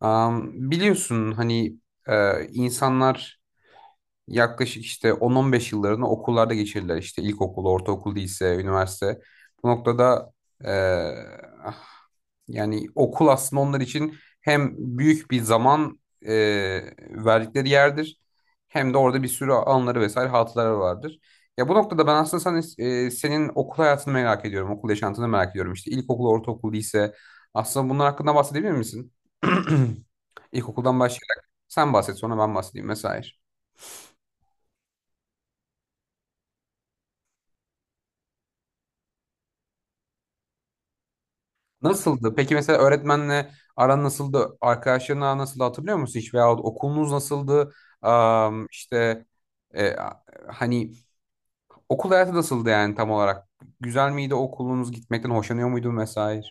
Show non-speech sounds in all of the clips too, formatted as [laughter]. Biliyorsun hani insanlar yaklaşık işte 10-15 yıllarını okullarda geçirirler. İşte ilkokul, ortaokul değilse üniversite. Bu noktada eee, yani okul aslında onlar için hem büyük bir zaman verdikleri yerdir, hem de orada bir sürü anıları vesaire hatıraları vardır. Ya bu noktada ben aslında senin okul hayatını merak ediyorum, okul yaşantını merak ediyorum. İşte ilkokul, ortaokul değilse aslında bunlar hakkında bahsedebilir misin? [clears throat] İlkokuldan başlayarak sen bahset, sonra ben bahsedeyim vesaire. Nasıldı? Peki mesela öğretmenle aran nasıldı? Arkadaşların aran nasıldı, hatırlıyor musun hiç? Veyahut okulunuz nasıldı? İşte e, hani okul hayatı nasıldı yani tam olarak? Güzel miydi okulunuz? Gitmekten hoşlanıyor muydun vesaire?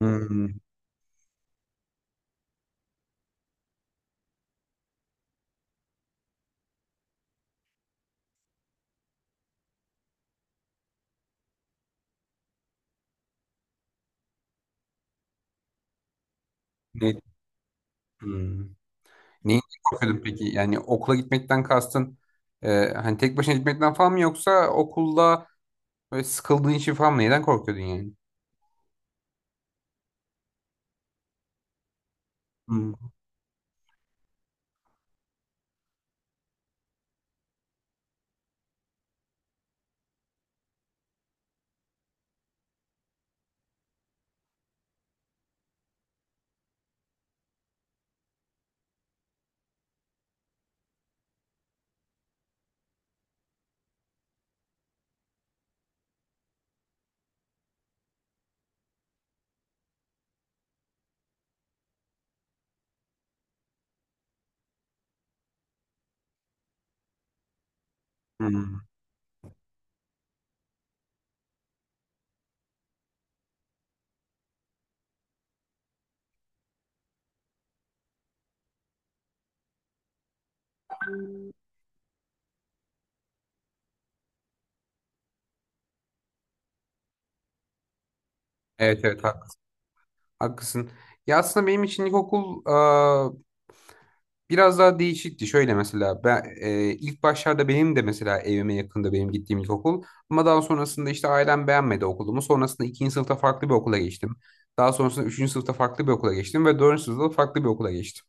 Hmm. Ne? Hmm. Neyinden korkuyordun peki? Yani okula gitmekten kastın hani tek başına gitmekten falan mı, yoksa okulda böyle sıkıldığın için falan mı? Neden korkuyordun yani? Hmm. Hmm. Evet, evet, haklısın. Ya aslında benim için ilkokul biraz daha değişikti. Şöyle mesela ben ilk başlarda, benim de mesela evime yakında benim gittiğim ilkokul. Ama daha sonrasında işte ailem beğenmedi okulumu. Sonrasında ikinci sınıfta farklı bir okula geçtim. Daha sonrasında üçüncü sınıfta farklı bir okula geçtim ve dördüncü sınıfta farklı bir okula geçtim.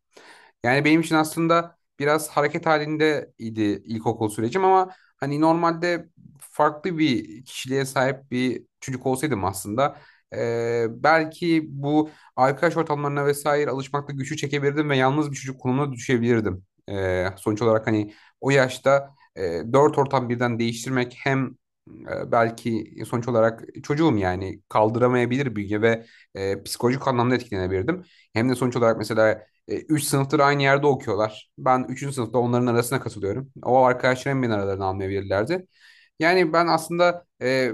Yani benim için aslında biraz hareket halinde idi ilkokul sürecim, ama hani normalde farklı bir kişiliğe sahip bir çocuk olsaydım aslında belki bu arkadaş ortamlarına vesaire alışmakta güçü çekebilirdim ve yalnız bir çocuk konumuna düşebilirdim. Sonuç olarak hani o yaşta dört ortam birden değiştirmek hem belki sonuç olarak çocuğum yani kaldıramayabilir bünye ve psikolojik anlamda etkilenebilirdim. Hem de sonuç olarak mesela üç sınıftır aynı yerde okuyorlar. Ben üçüncü sınıfta onların arasına katılıyorum. O arkadaşlarım beni aralarına almayabilirlerdi. Yani ben aslında e,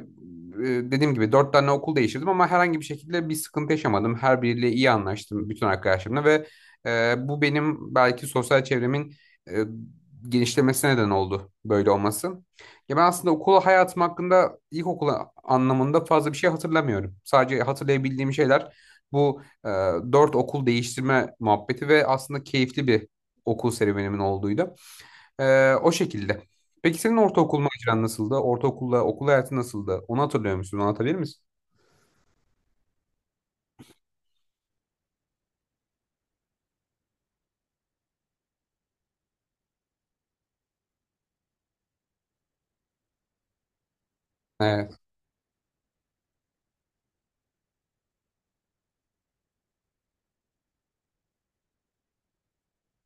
e, dediğim gibi dört tane okul değiştirdim, ama herhangi bir şekilde bir sıkıntı yaşamadım. Her biriyle iyi anlaştım bütün arkadaşlarımla ve bu benim belki sosyal çevremin e, genişlemesine neden oldu böyle olması. Ya ben aslında okul hayatım hakkında ilkokul anlamında fazla bir şey hatırlamıyorum. Sadece hatırlayabildiğim şeyler bu dört okul değiştirme muhabbeti ve aslında keyifli bir okul serüvenimin olduğuydu. O şekilde. Peki senin ortaokul maceran nasıldı? Ortaokulla okul hayatı nasıldı? Onu hatırlıyor musun? Onu anlatabilir misin? Evet,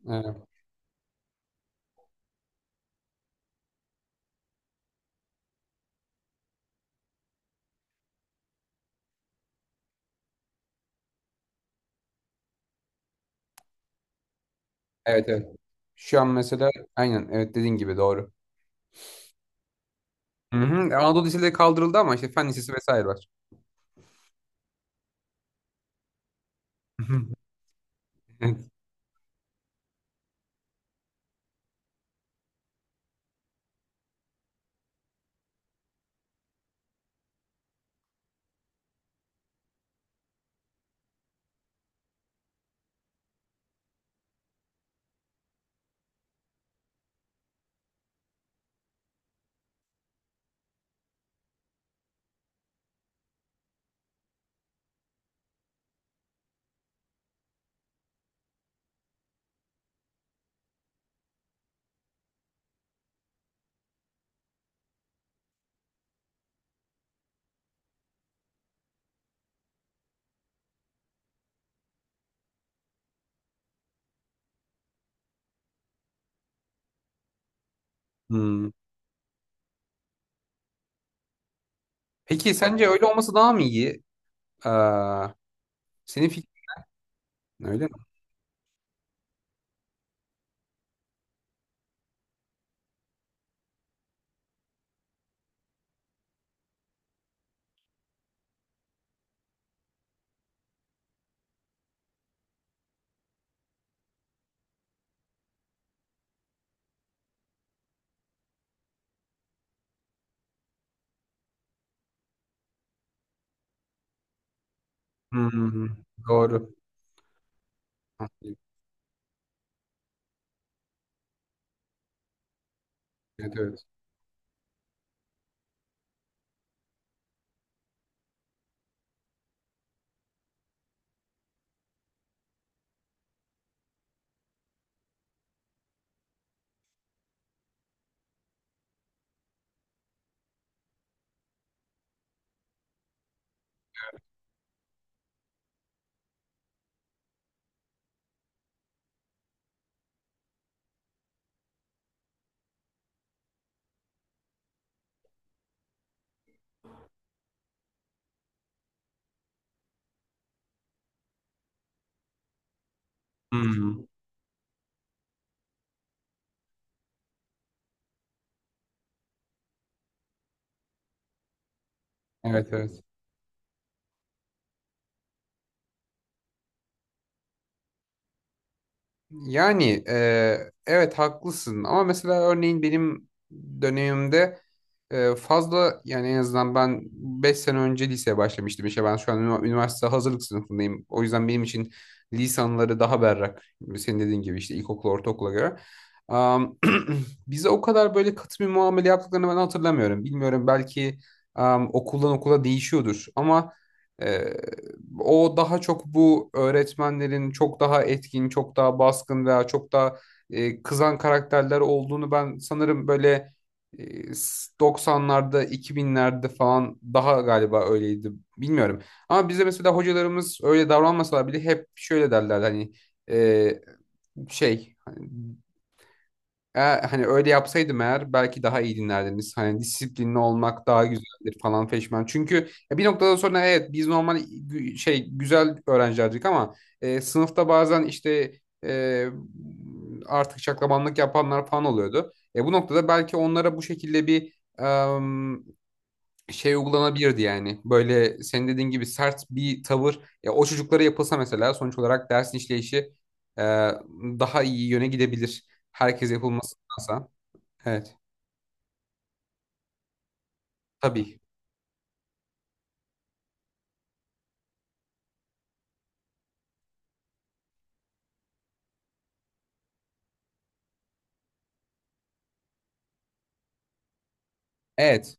evet, evet, evet. Şu an mesela aynen, evet, dediğin gibi doğru. Hı hı. Anadolu Liseleri kaldırıldı, ama işte Fen Lisesi vesaire var. [laughs] Evet. Hmm. Peki sence öyle olması daha mı iyi? Aa, senin fikrin öyle mi? Hmm. Doğru. Evet, evet. Hmm. Evet, evet. Yani evet, haklısın, ama mesela örneğin benim dönemimde fazla yani, en azından ben 5 sene önce liseye başlamıştım, işte ben şu an ünivers- üniversite hazırlık sınıfındayım. O yüzden benim için lisanları daha berrak senin dediğin gibi işte ilkokula ortaokula göre. Am, [clears throat] Bize o kadar böyle katı bir muamele yaptıklarını ben hatırlamıyorum. Bilmiyorum, belki okuldan okula değişiyordur ama... O daha çok bu öğretmenlerin çok daha etkin, çok daha baskın veya çok daha kızan karakterler olduğunu ben sanırım böyle 90'larda, 2000'lerde falan daha galiba öyleydi. Bilmiyorum. Ama bize mesela hocalarımız öyle davranmasalar bile hep şöyle derler hani e, şey, hani eğer, hani öyle yapsaydım eğer belki daha iyi dinlerdiniz. Hani disiplinli olmak daha güzeldir falan feşmen. Çünkü ya bir noktadan sonra evet, biz normal güzel öğrencilerdik, ama sınıfta bazen işte e, artık şaklabanlık yapanlar falan oluyordu. Bu noktada belki onlara bu şekilde bir şey uygulanabilirdi yani. Böyle senin dediğin gibi sert bir tavır ya o çocuklara yapılsa mesela, sonuç olarak dersin işleyişi e, daha iyi yöne gidebilir. Herkes yapılmasındansa. Evet. Tabii. Evet.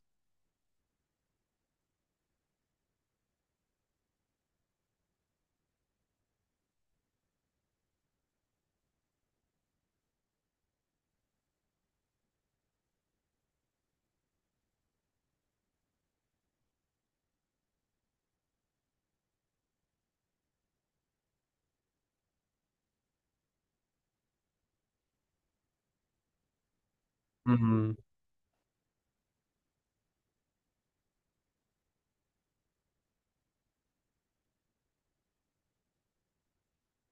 Hı-hı.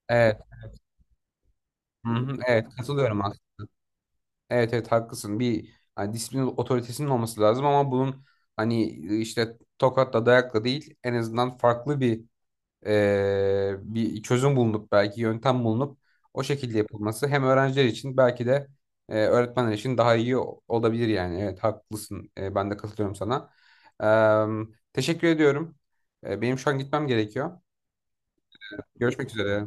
Evet. Hı-hı. Evet. Katılıyorum aslında. Evet, evet, haklısın. Bir hani disiplin otoritesinin olması lazım, ama bunun hani işte tokatla dayakla değil, en azından farklı bir bir çözüm bulunup, belki yöntem bulunup o şekilde yapılması hem öğrenciler için, belki de öğretmenler için daha iyi olabilir yani. Evet, haklısın. Ben de katılıyorum sana. Em, Teşekkür ediyorum. Benim şu an gitmem gerekiyor. Görüşmek üzere.